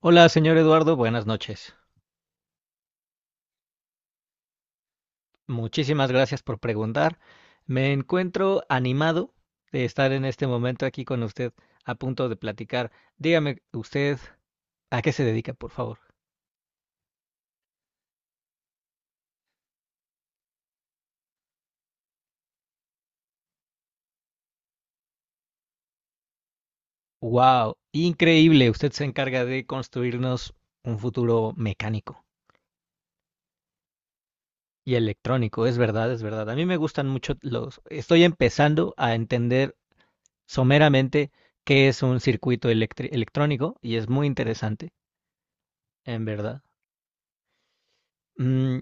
Hola, señor Eduardo, buenas noches. Muchísimas gracias por preguntar. Me encuentro animado de estar en este momento aquí con usted a punto de platicar. Dígame usted a qué se dedica, por favor. Wow, increíble. Usted se encarga de construirnos un futuro mecánico y electrónico. Es verdad, es verdad. A mí me gustan mucho Estoy empezando a entender someramente qué es un circuito electrónico y es muy interesante, en verdad. Mm,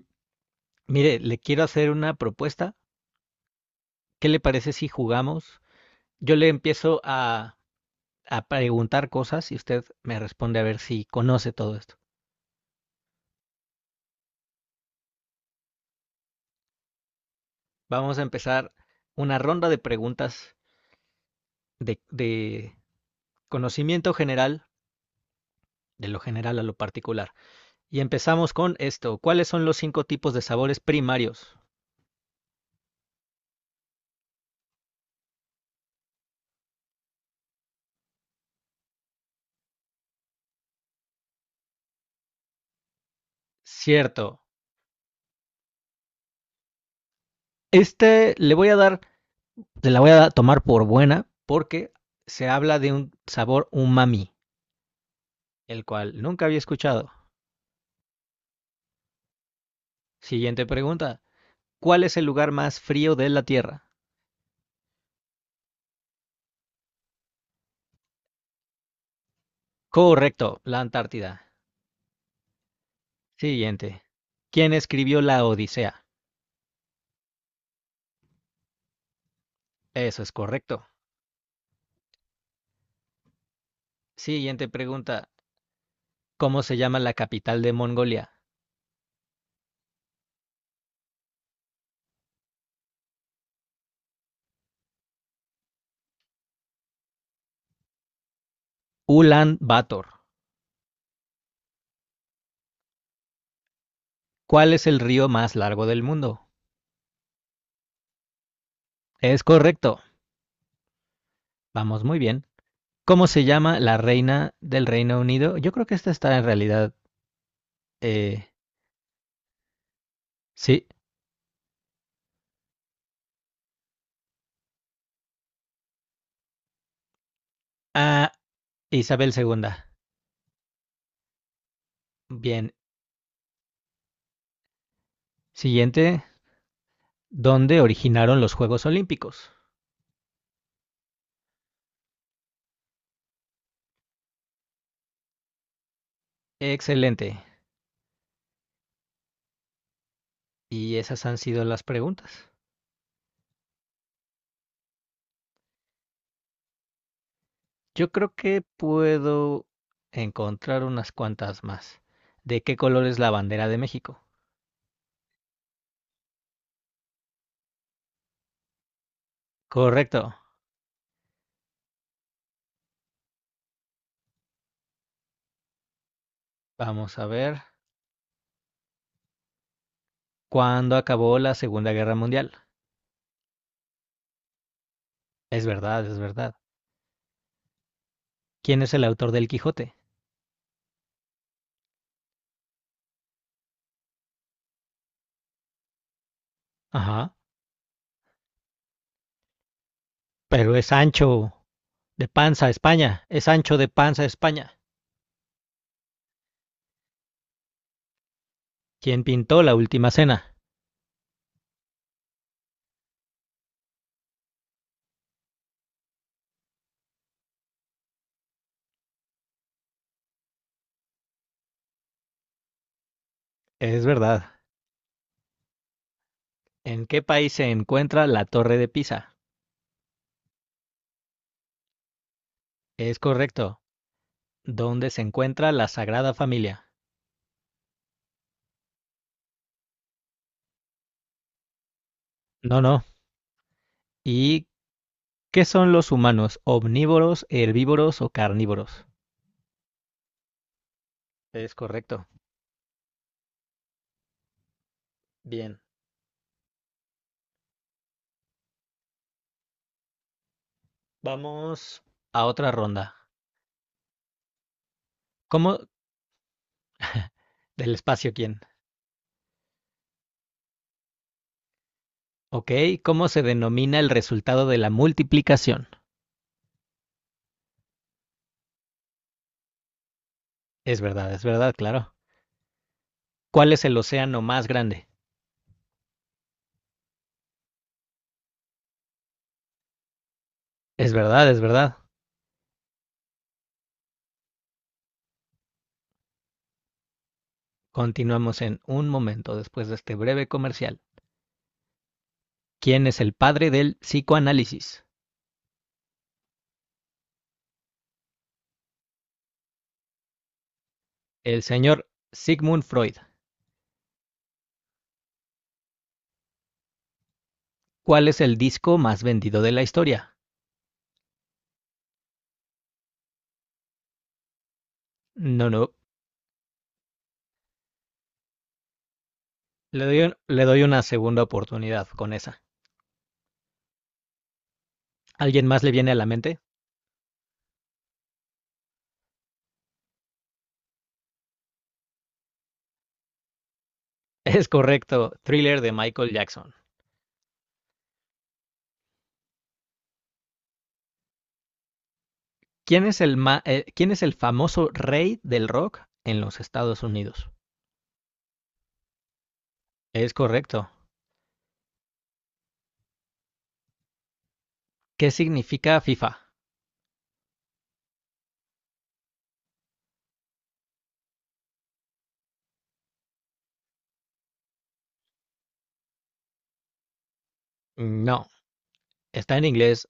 Mire, le quiero hacer una propuesta. ¿Qué le parece si jugamos? Yo le empiezo a preguntar cosas y usted me responde a ver si conoce todo esto. Vamos a empezar una ronda de preguntas de conocimiento general, de lo general a lo particular. Y empezamos con esto. ¿Cuáles son los cinco tipos de sabores primarios? Cierto. Este le voy a dar, le la voy a tomar por buena porque se habla de un sabor umami, el cual nunca había escuchado. Siguiente pregunta. ¿Cuál es el lugar más frío de la Tierra? Correcto, la Antártida. Siguiente. ¿Quién escribió la Odisea? Eso es correcto. Siguiente pregunta. ¿Cómo se llama la capital de Mongolia? Ulan Bator. ¿Cuál es el río más largo del mundo? Es correcto. Vamos muy bien. ¿Cómo se llama la reina del Reino Unido? Yo creo que esta está en realidad. eh, sí. Ah, Isabel II. Bien. Siguiente. ¿Dónde originaron los Juegos Olímpicos? Excelente. Y esas han sido las preguntas. Yo creo que puedo encontrar unas cuantas más. ¿De qué color es la bandera de México? Correcto. Vamos a ver. ¿Cuándo acabó la Segunda Guerra Mundial? Es verdad, es verdad. ¿Quién es el autor del Quijote? Ajá. Pero es Sancho de Panza, España. Es Sancho de Panza, España. ¿Quién pintó la Última Cena? Es verdad. ¿En qué país se encuentra la Torre de Pisa? Es correcto. ¿Dónde se encuentra la Sagrada Familia? No, no. ¿Y qué son los humanos? ¿Omnívoros, herbívoros o carnívoros? Es correcto. Bien. Vamos a otra ronda. ¿Cómo? Del espacio, ¿quién? Ok. ¿Cómo se denomina el resultado de la multiplicación? Es verdad, claro. ¿Cuál es el océano más grande? Es verdad, es verdad. Continuamos en un momento después de este breve comercial. ¿Quién es el padre del psicoanálisis? El señor Sigmund Freud. ¿Cuál es el disco más vendido de la historia? No, no. Le doy una segunda oportunidad con esa. ¿Alguien más le viene a la mente? Es correcto. Thriller de Michael Jackson. ¿Quién es el famoso rey del rock en los Estados Unidos? Es correcto. ¿Qué significa FIFA? No. Está en inglés.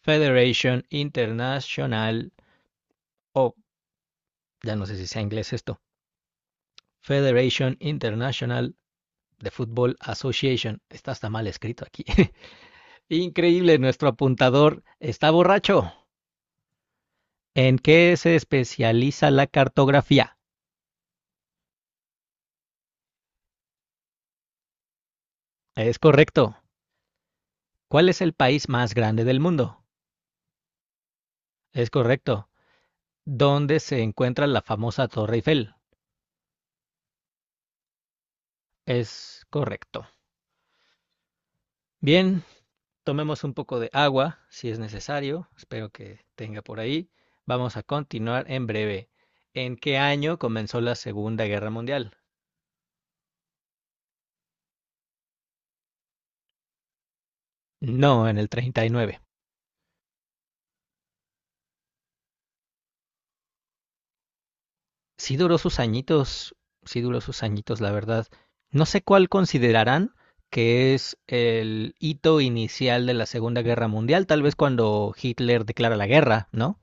Federation International. Oh, ya no sé si sea inglés esto. Federation International The Football Association. Está hasta mal escrito aquí. Increíble, nuestro apuntador está borracho. ¿En qué se especializa la cartografía? Es correcto. ¿Cuál es el país más grande del mundo? Es correcto. ¿Dónde se encuentra la famosa Torre Eiffel? Es correcto. Bien, tomemos un poco de agua si es necesario. Espero que tenga por ahí. Vamos a continuar en breve. ¿En qué año comenzó la Segunda Guerra Mundial? No, en el 39. Sí duró sus añitos, sí duró sus añitos, la verdad. No sé cuál considerarán que es el hito inicial de la Segunda Guerra Mundial, tal vez cuando Hitler declara la guerra, ¿no?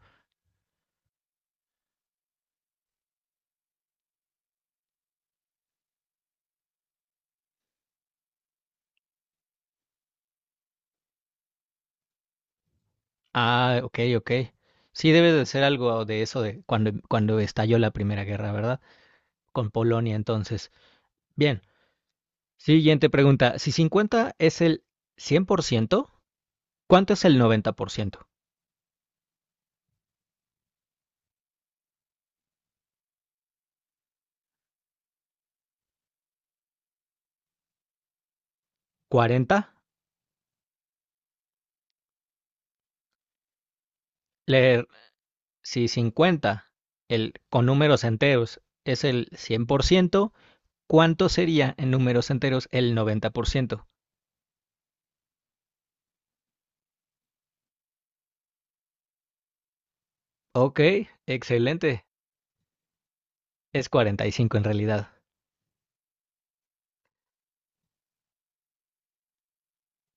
Ah, ok, ok. Sí debe de ser algo de eso de cuando, cuando estalló la Primera Guerra, ¿verdad? Con Polonia entonces. Bien, siguiente pregunta. Si 50 es el 100%, ¿cuánto es el 90%? 40. Le Si 50 el, con números enteros es el 100%, ¿cuánto sería en números enteros el 90%? Ok, excelente. Es 45 en realidad.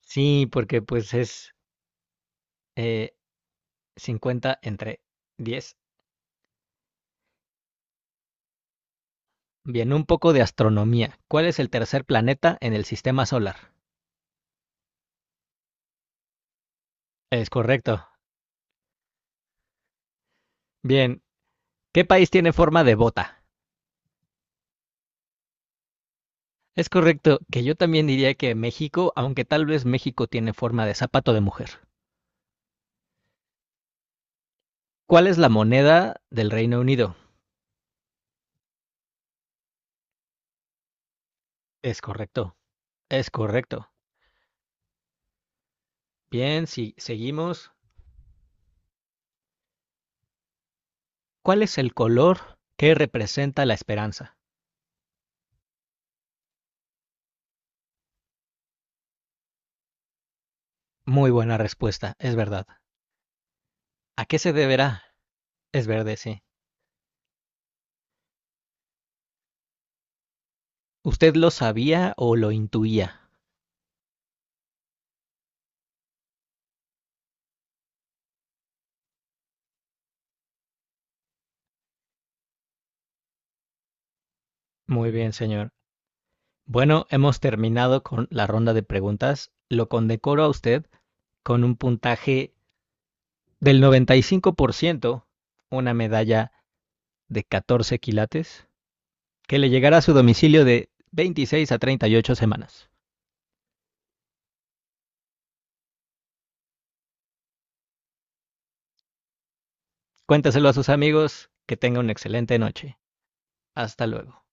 Sí, porque pues es eh, 50 entre 10. Bien, un poco de astronomía. ¿Cuál es el tercer planeta en el sistema solar? Es correcto. Bien, ¿qué país tiene forma de bota? Es correcto que yo también diría que México, aunque tal vez México tiene forma de zapato de mujer. ¿Cuál es la moneda del Reino Unido? Es correcto, es correcto. Bien, si seguimos. ¿Cuál es el color que representa la esperanza? Muy buena respuesta, es verdad. ¿A qué se deberá? Es verde, sí. ¿Usted lo sabía o lo intuía? Muy bien, señor. Bueno, hemos terminado con la ronda de preguntas. Lo condecoro a usted con un puntaje del 95%, una medalla de 14 quilates que le llegará a su domicilio de 26 a 38 semanas. Cuéntaselo a sus amigos, que tenga una excelente noche. Hasta luego.